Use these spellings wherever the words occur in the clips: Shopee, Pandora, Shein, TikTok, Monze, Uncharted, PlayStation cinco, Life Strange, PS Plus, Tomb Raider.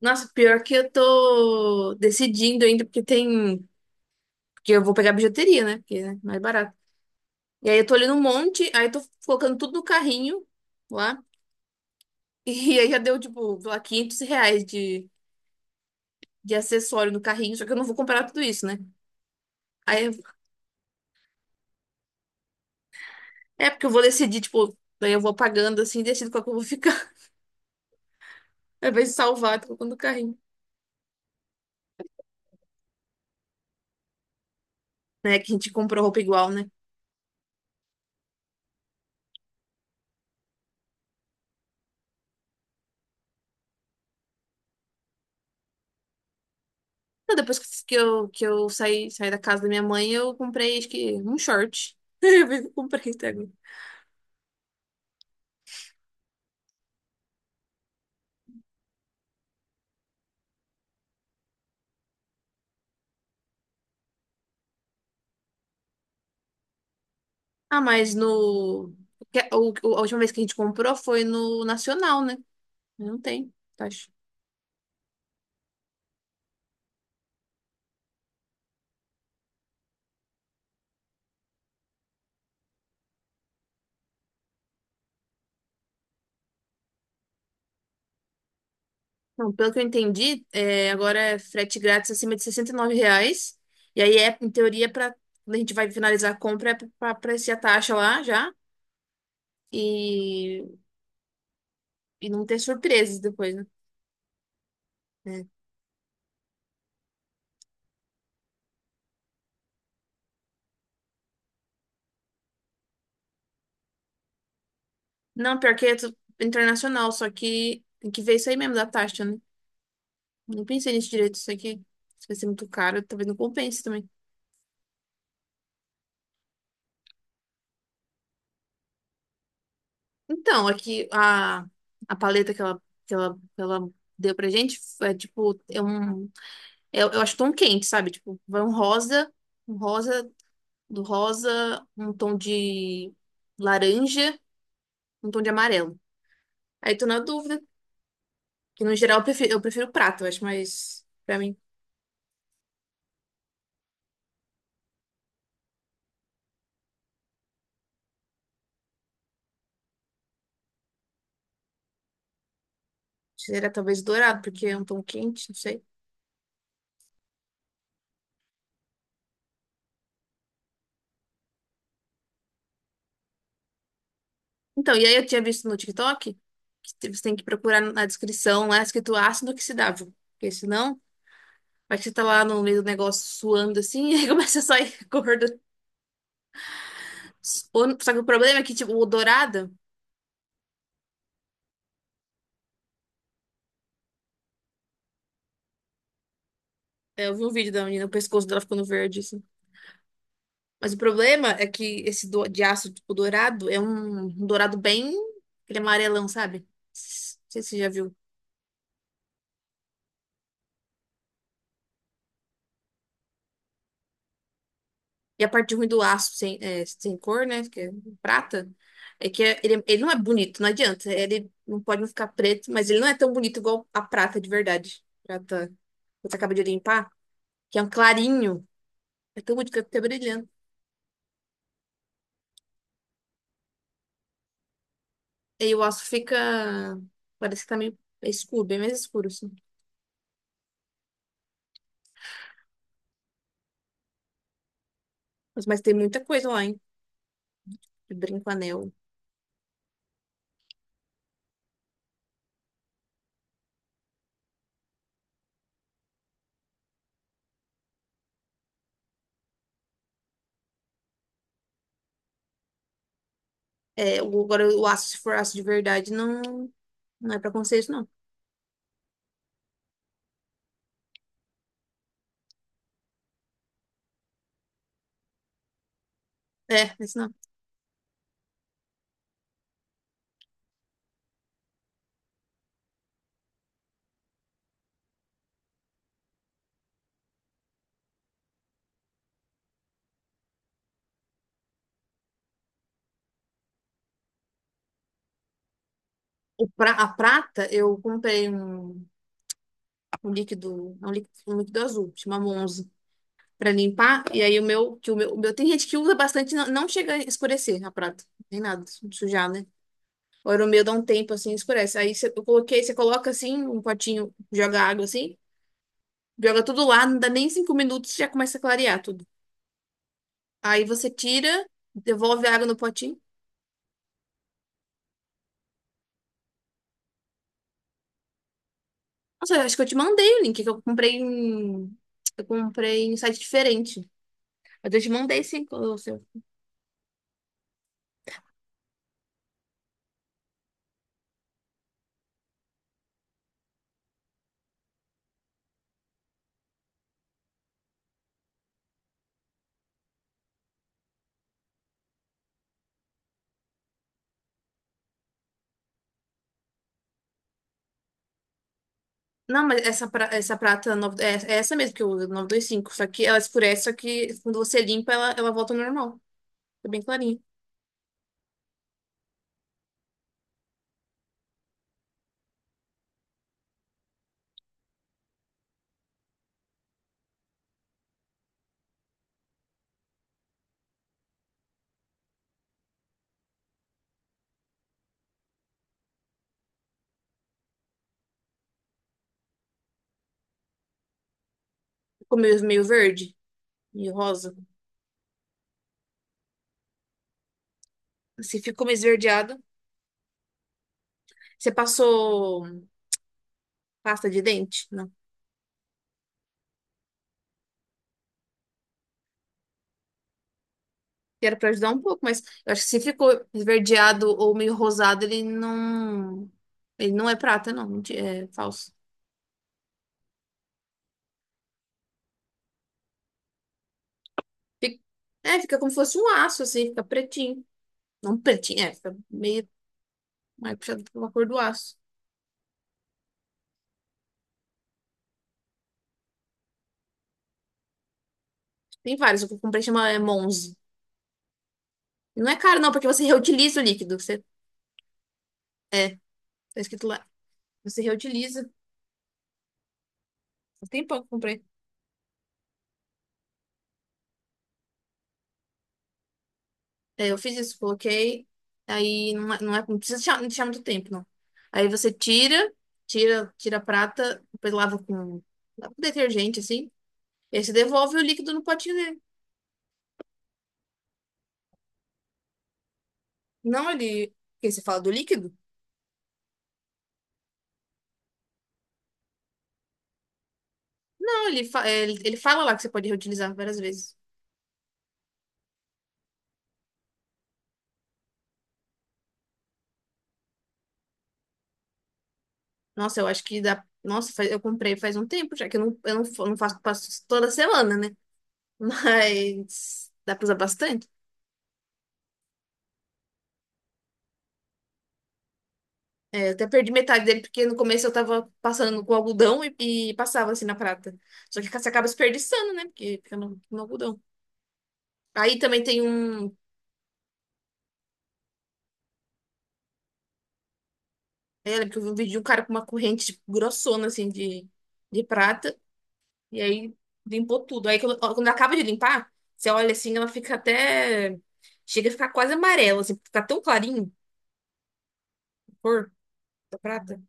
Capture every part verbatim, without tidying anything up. Nossa, pior que eu tô decidindo ainda, porque tem. Porque eu vou pegar bijuteria, né? Porque é mais barato. E aí eu tô olhando um monte, aí eu tô colocando tudo no carrinho lá. E aí já deu, tipo, sei lá, quinhentos reais de, de acessório no carrinho, só que eu não vou comprar tudo isso, né? Aí eu- é porque eu vou decidir, tipo, daí eu vou pagando assim, e decido qual que eu vou ficar. Ao invés de salvar, tô colocando no carrinho. Né? Que a gente comprou roupa igual, né? Não, depois que que eu, que eu saí, saí da casa da minha mãe, eu comprei, acho que, um short. Eu vi que eu comprei até agora. Ah, mas no. que- O, o- a última vez que a gente comprou foi no Nacional, né? Não tem, taxa. Não, pelo que eu entendi, é, agora é frete grátis acima de sessenta e nove reais. E aí é, em teoria, para quando a gente vai finalizar a compra, é para aparecer a taxa lá já. E, e não ter surpresas depois, né? É. Não, pior que é tu- internacional, só que tem que ver isso aí mesmo da taxa, né? Não pensei nisso direito, isso aqui. Se vai ser muito caro, talvez não compense também. Então, aqui a, a paleta que ela, que ela, que ela deu pra gente é tipo, é um. Eu, eu acho tom quente, sabe? Tipo, vai um rosa, um rosa, do rosa, um tom de laranja, um tom de amarelo. Aí tô na dúvida, que no geral eu prefiro, eu prefiro, prata, eu acho. Mas pra mim, seria talvez dourado, porque é um tom quente, não sei. Então, e aí eu tinha visto no TikTok que você tem que procurar na descrição lá escrito ácido oxidável, porque senão. Vai que você tá lá no meio do negócio suando assim, e aí começa a sair gordo. O- Só que o problema é que, tipo, o dourado. é, Eu vi um vídeo da menina, o pescoço dela ficando verde, assim. Mas o problema é que esse do- de aço, tipo, dourado, é um, um dourado bem. Aquele amarelão, sabe? Não sei se você já viu. E a parte ruim do aço sem, é, sem cor, né? Que é prata, é que é- ele, ele não é bonito, não adianta. Ele não pode não ficar preto, mas ele não é tão bonito igual a prata de verdade. Prata, que você acaba de limpar, que é um clarinho. É tão bonito, que fica até brilhando. E o aço fica. Parece que tá meio escuro, bem mais escuro, assim. Mas, mas tem muita coisa lá, hein? De brinco, anel. É, o- agora o aço, se for aço de verdade, não, não é pra conceito, não. É, esse não. O pra, a prata, eu comprei um, um líquido, é um líquido, um líquido azul, chama Monze, pra limpar. E aí o meu, que o meu, o meu, tem gente que usa bastante, não, não chega a escurecer a prata. Nem nada, sujar, né? O meu dá um tempo assim, escurece. Aí você- eu coloquei, você coloca assim, um potinho, joga água assim, joga tudo lá, não dá nem cinco minutos, já começa a clarear tudo. Aí você tira, devolve a água no potinho. Nossa, eu acho que eu te mandei o link, que eu comprei em, eu comprei em site diferente. Mas eu te mandei sim, o seu. Não, mas essa, pra- essa prata nove- é, é essa mesmo que eu uso, nove dois cinco. Só que ela escurece, só que quando você limpa, ela, ela volta ao normal. Fica bem clarinha. Ficou meio, meio verde, meio rosa. Se ficou meio esverdeado. Você passou pasta de dente? Não. Que Era pra ajudar um pouco, mas eu acho que se ficou esverdeado ou meio rosado, ele não. Ele não é prata, não. É falso. Fica- É, fica como se fosse um aço, assim, fica pretinho. Não pretinho, é, fica meio mais puxado pela cor do aço. Tem vários, o que eu comprei chama é Monze. E não é caro, não, porque você reutiliza o líquido. Você, tá escrito lá. Você reutiliza. Faz tempão que eu comprei. É, eu fiz isso, coloquei. Aí não é, não é, não precisa deixar, não deixar muito tempo, não. Aí você tira, tira, tira a prata, depois lava com, lava com detergente, assim. E aí você devolve o líquido no potinho dele. Não, ele. Porque você fala do líquido? Não, ele, fa- é, ele, ele fala lá que você pode reutilizar várias vezes. Nossa, eu acho que dá. Nossa, faz- eu comprei faz um tempo já, que eu não, eu não, fa- não faço, passo toda semana, né? Mas dá pra usar bastante. É, eu até perdi metade dele, porque no começo eu tava passando com algodão e, e passava assim na prata. Só que você acaba desperdiçando, né? Porque fica no, no algodão. Aí também tem um. é, Eu lembro que eu vi um vídeo de um cara com uma corrente tipo, grossona, assim, de, de prata. E aí limpou tudo. Aí quando, quando acaba de limpar, você olha assim, ela fica até. Chega a ficar quase amarela, assim, fica tão clarinho a cor da prata.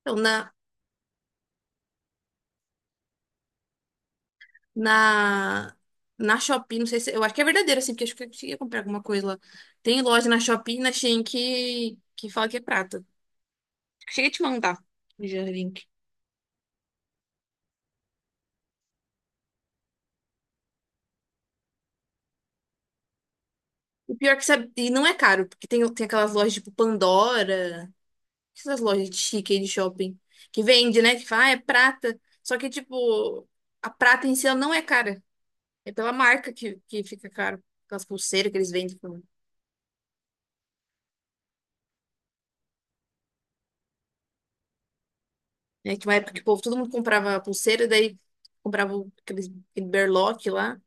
Então, na, na, na Shopee, não sei se. Eu acho que é verdadeiro, assim, porque acho que eu cheguei a comprar alguma coisa lá. Tem loja na Shopee e na Shein que, que fala que é prata. Cheguei a te mandar já o link. O pior que sabe, e não é caro, porque tem, tem aquelas lojas tipo Pandora, essas lojas de chique aí de shopping, que vende, né? Que fala, ah, é prata. Só que, tipo, a prata em si ela não é cara. É pela marca que, que fica caro. Aquelas pulseiras que eles vendem. Né? Que uma época que o povo, todo mundo comprava pulseira, daí comprava o- aqueles- aquele berlock lá.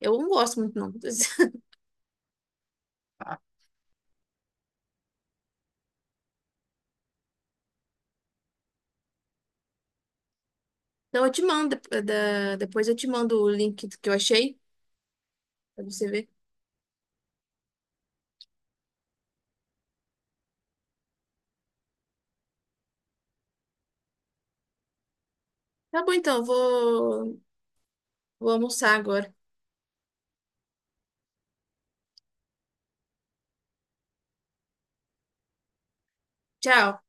Eu não gosto muito, não. Então eu te mando, dep- da- depois eu te mando o link que eu achei, pra você ver. Tá bom, então, eu vou, vou almoçar agora. Tchau.